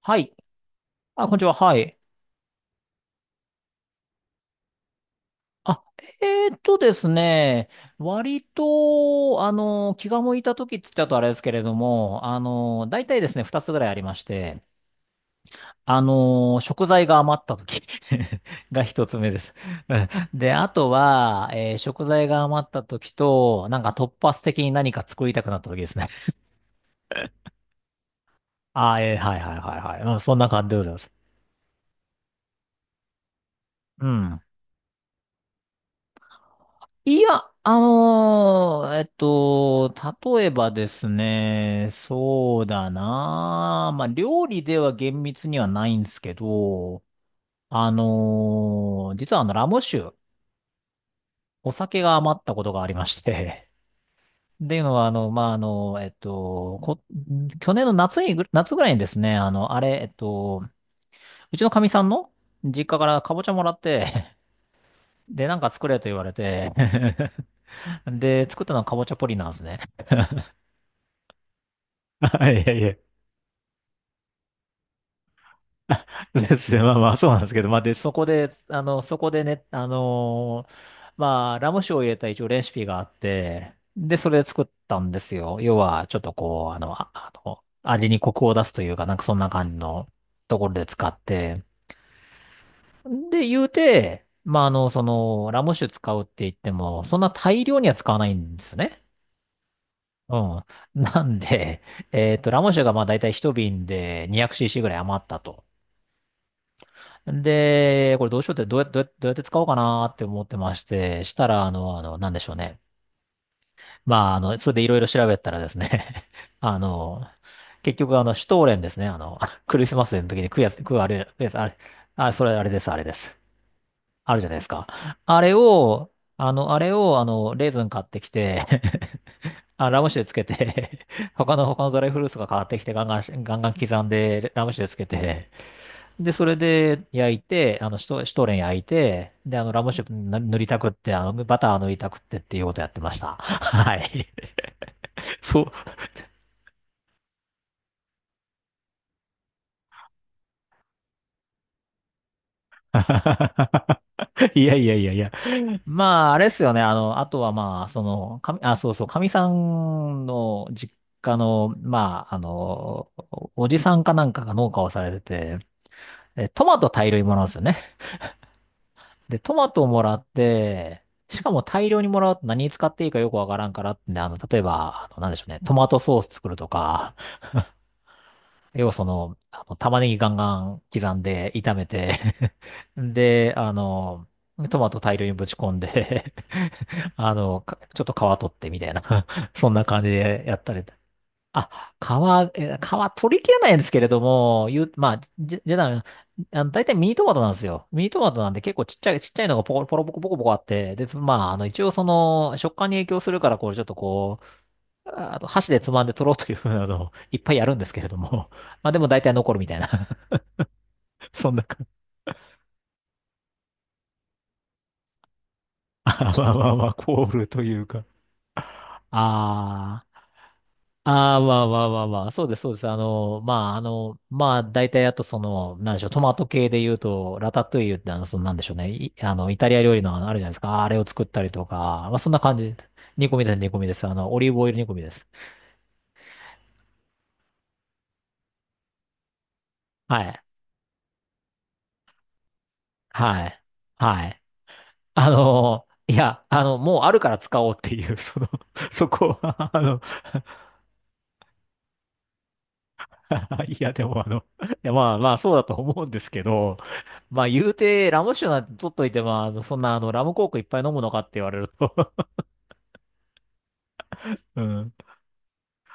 はい。あ、こんにちは。はい。あ、ですね。割と、気が向いた時って言っちゃうとあれですけれども、大体ですね、二つぐらいありまして、食材が余った時 が一つ目です。うん。で、あとは、食材が余った時と、なんか突発的に何か作りたくなった時ですね。はいはいはいはい。うん、そんな感じでございます。うん。いや、例えばですね、そうだなあ、まあ、料理では厳密にはないんですけど、実はラム酒、お酒が余ったことがありまして、っていうのは、あの、まあ、あの、えっと、こ、去年の夏に夏ぐらいにですね、あの、あれ、えっと、うちのかみさんの実家からかぼちゃもらって、で、なんか作れと言われて、で、作ったのはかぼちゃポリなんですね。いやいや。ですね。まあまあ、そうなんですけど、まあ、で、そこで、まあ、ラム酒を入れた一応レシピがあって、で、それで作ったんですよ。要は、ちょっとこう、味にコクを出すというか、なんかそんな感じのところで使って、で、言うて、まあ、ラム酒使うって言っても、そんな大量には使わないんですよね。うん。なんで、ラム酒がまあ、だいたい一瓶で 200cc ぐらい余ったと。で、これどうしようって、どうやって使おうかなって思ってまして、したら、なんでしょうね。まあ、それでいろいろ調べたらですね、あの、結局、シュトーレンですね、クリスマスの時に食うやつ、食うあれ、食うやつ、あれ、あれ、それあれです、あれです。あるじゃないですか。あれを、あの、あれを、あの、レーズン買ってきて あ、ラム酒でつけて 他のドライフルーツが買ってきて、ガンガン、ガンガン刻んで、ラム酒でつけて、で、それで焼いて、シュトーレン焼いて、で、ラムシップ塗りたくって、バター塗りたくってっていうことやってました。はい。そう。いやいやいやいや。まあ、あれですよね。あとはまあ、あ、そうそう、かみさんの実家の、まあ、おじさんかなんかが農家をされてて、トマト大量にもらうんですよね。で、トマトをもらって、しかも大量にもらうと何に使っていいかよくわからんからってんで、例えば、なんでしょうね、トマトソース作るとか、要は玉ねぎガンガン刻んで炒めて で、トマト大量にぶち込んで ちょっと皮取ってみたいな そんな感じでやったり。あ、皮、え皮取り切れないんですけれども、まあ、じゃあ、大体ミニトマトなんですよ。ミニトマトなんで結構ちっちゃい、ちっちゃいのがポコ、ポロポコポコポコあって、で、まあ、一応食感に影響するから、こう、ちょっとこう、ああと箸でつまんで取ろうというふうなのをいっぱいやるんですけれども、まあでも大体残るみたいな、そんなか、まあまあまあまあ、コールというか。ああ。ああ、まあまあまあまあ、そうです、そうです。まあ、大体あとなんでしょう、トマト系で言うと、ラタトゥイユってなんでしょうね、いあの、イタリア料理のあるじゃないですか、あれを作ったりとか、まあ、そんな感じです。煮込みです、煮込みです。オリーブオイル煮込みです。はい、はい、はい。いや、もうあるから使おうっていう、そこは、いや、でもいや、まあまあ、そうだと思うんですけど、まあ言うて、ラム酒なんて取っといて、まあ、そんなラムコークいっぱい飲むのかって言われると うん。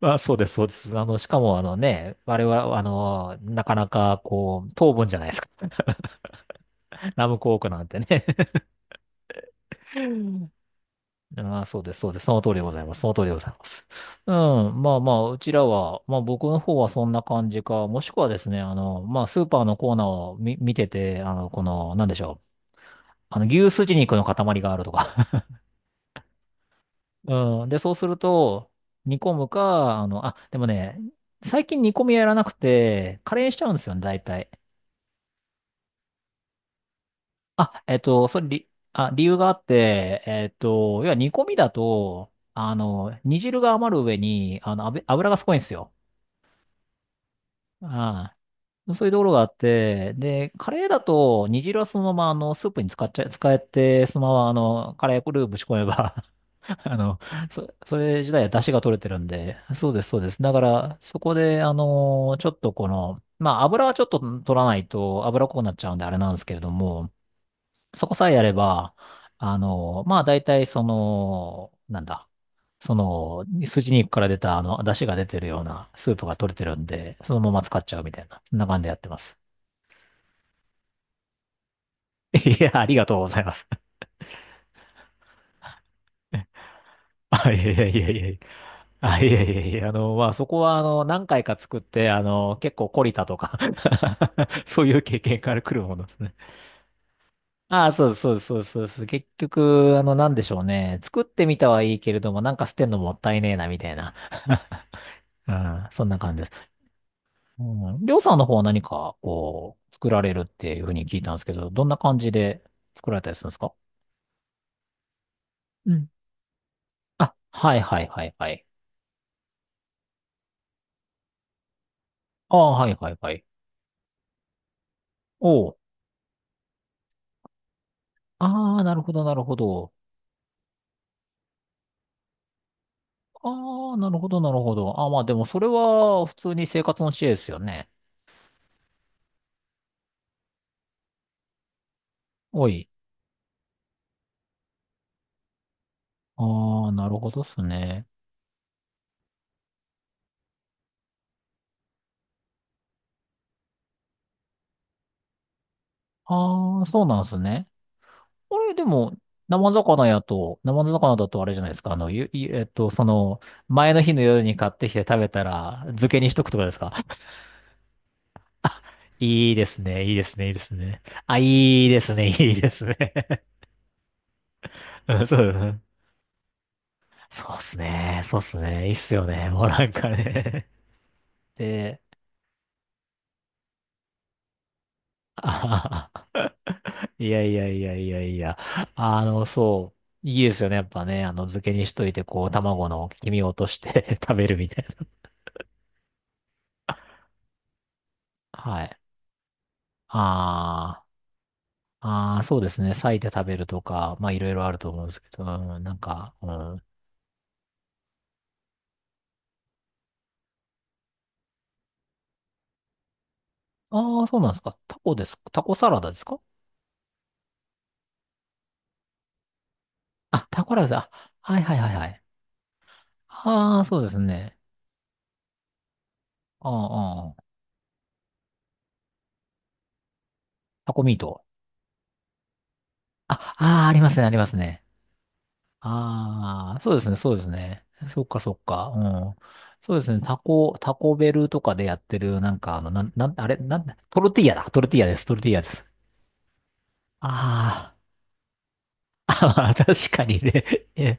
まあそうです、そうです。しかもあれは、なかなかこう、糖分じゃないですか。ラムコークなんてね ああ、そうです、そうです。その通りでございます。その通りでございます。うん。まあまあ、うちらは、まあ僕の方はそんな感じか、もしくはですね、まあスーパーのコーナーを見てて、なんでしょう。牛すじ肉の塊があるとか。うん。で、そうすると、煮込むか、でもね、最近煮込みやらなくて、カレーにしちゃうんですよね、大体。あ、えっと、それ、り、あ、理由があって、要は煮込みだと、煮汁が余る上に、油がすごいんですよ。ああ、そういうところがあって、で、カレーだと、煮汁はそのまま、スープに使っちゃ、使えて、そのまま、カレールーぶち込めば あの、それ自体は出汁が取れてるんで、そうです、そうです。だから、そこで、ちょっとこの、まあ、油はちょっと取らないと、油っこくなっちゃうんで、あれなんですけれども、そこさえやれば、まあ、大体、なんだ、筋肉から出た、出汁が出てるようなスープが取れてるんで、そのまま使っちゃうみたいな、そんな感じでやってます。いや、ありがとうございます。あ、いやいやいやいやいや。あ、いやいやいやいや、まあ、そこは、何回か作って、結構懲りたとか そういう経験から来るものですね。ああ、そうです、そうです、そうです、そうです。結局、なんでしょうね。作ってみたはいいけれども、なんか捨てんのもったいねえな、みたいな。うん、そんな感じです。うん。りょうさんの方は何か、こう、作られるっていうふうに聞いたんですけど、どんな感じで作られたりするんですか？うん。あ、はいはいはいはい。ああ、はいはいはい。おう。ああ、なるほどなるほど。ああ、なるほどなるほど。ああ、まあでもそれは普通に生活の知恵ですよね。おい。ああ、なるほどっすね。ああ、そうなんですね。これでも、生魚だとあれじゃないですか。あの、ゆ、ゆえっと、その、前の日の夜に買ってきて食べたら、漬けにしとくとかですか？あ、いいですね、いいですね、いいですね。あ、いいですね、いいですね。うんそうだな。そうっすね、そうっすね、いいっすよね、もうなんかね。で、あはは、いやいやいやいやいや、そう、いいですよね、やっぱね、漬けにしといて、こう、卵の黄身を落として 食べるみたいな。はい。ああ、ああ、そうですね、裂いて食べるとか、まあ、いろいろあると思うんですけど、うん、なんか、うん。ああ、そうなんですか。タコです。タコサラダですか？あ、タコライス、あ、はいはいはいはい。ああ、そうですね。うん、うん。タコミート。あ、ああ、ありますね、ありますね。ああ、そうですね、そうですね。そっかそっか。うん。そうですね、タコ、タコベルとかでやってる、なんか、あの、なん、なん、あれ、なん、トルティーヤだ。トルティーヤです、トルティーヤです。あーあ、あー確かにね。え、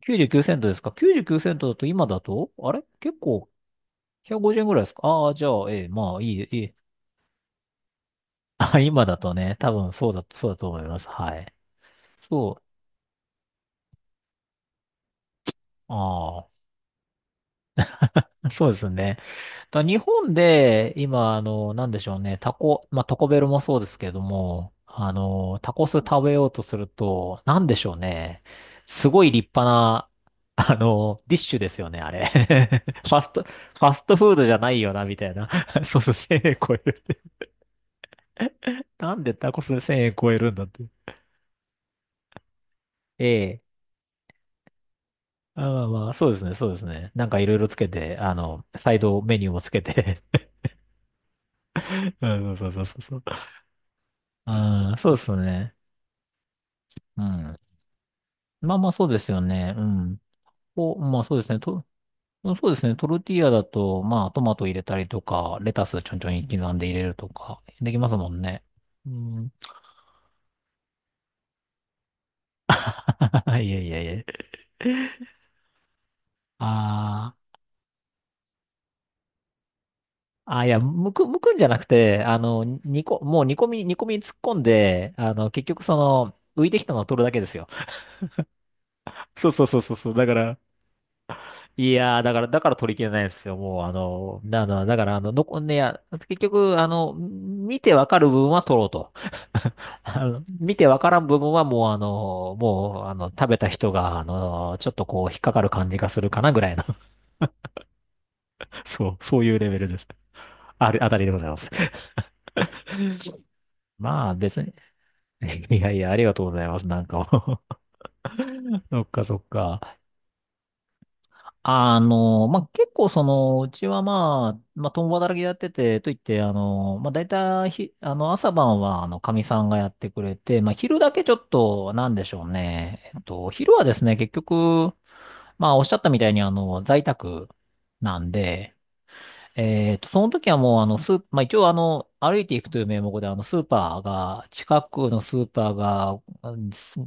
99セントですか？ 99 セントだと今だと、あれ結構150円ぐらいですか？ああー、じゃあ、ええ、まあ、いい、いい、あ、今だとね、多分そうだ、そうだと思います。はい。そう。ああ、そうですね。だ日本で、今、なんでしょうね、タコ、まあ、タコベルもそうですけども、タコス食べようとすると、なんでしょうね、すごい立派な、ディッシュですよね、あれ。ファスト、ファストフードじゃないよな、みたいな。そうそう、1000円超えるって。なんでタコス1000円超えるんだって。ええ、あ、まあまあ、そうですね、そうですね。なんかいろいろつけて、サイドメニューもつけて うん、そうそうそうそう。ああ、そうですね。うん。まあまあ、そうですよね。うん。お、まあそうですね。と、そうですね。トルティーヤだと、まあ、トマト入れたりとか、レタスちょんちょん刻んで入れるとか、できますもんね。うん。いやいやいや。ああ。あ、いや、むく、むくんじゃなくて、煮こ、もう煮込み、煮込みに突っ込んで、結局その、浮いてきたのを取るだけですよ。そうそうそうそうそう。だから、いやー、だから、だから取り切れないんですよ。もう、だから、残んねや、結局、見てわかる部分は取ろうと。見てわからん部分はもう、食べた人が、ちょっとこう、引っかかる感じがするかなぐらいの、そう、そういうレベルです。あれ、あたりでございます。まあ、別に、いやいや、ありがとうございます。なんかもう そっか、そっか。まあ、結構その、うちはまあ、まあ、共働きでやってて、といって、まあ、大体ひ、朝晩は、かみさんがやってくれて、まあ、昼だけちょっと、なんでしょうね。昼はですね、結局、まあ、おっしゃったみたいに、在宅なんで、その時はもう、スー、まあ、一応、歩いていくという名目で、スーパーが、近くのスーパーが、うんす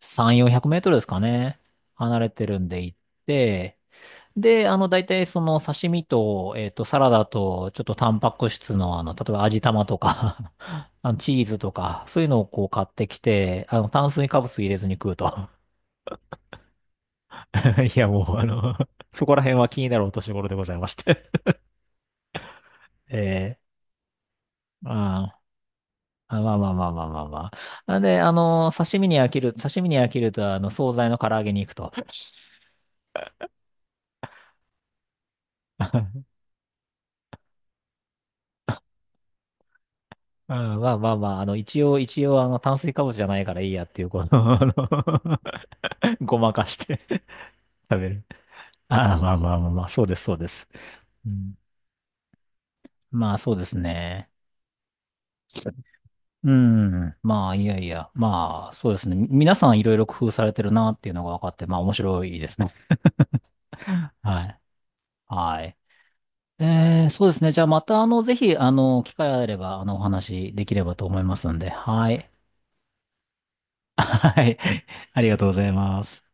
3、400メートルですかね、離れてるんで行って、で、大体その刺身と、サラダと、ちょっとタンパク質の、例えば味玉とか チーズとか、そういうのをこう買ってきて、炭水化物入れずに食うと。いや、もう、あの そこら辺は気になるお年頃でございまして えまあ、あ、まあまあまあまあまあまあ。なんで、刺身に飽きる、刺身に飽きると、惣菜の唐揚げに行くと。うん、まあまあまあ、一応、一応、炭水化物じゃないからいいやっていう、この、あの ごまかして食べる。ああ、まあまあまあまあ、そうです、そうです。うん、まあ、そうですね。うん。まあ、いやいや。まあ、そうですね。み皆さんいろいろ工夫されてるなっていうのが分かって、まあ、面白いですね。はい。はい。そうですね。じゃあ、また、ぜひ、機会あれば、お話できればと思いますんで。はい。はい。ありがとうございます。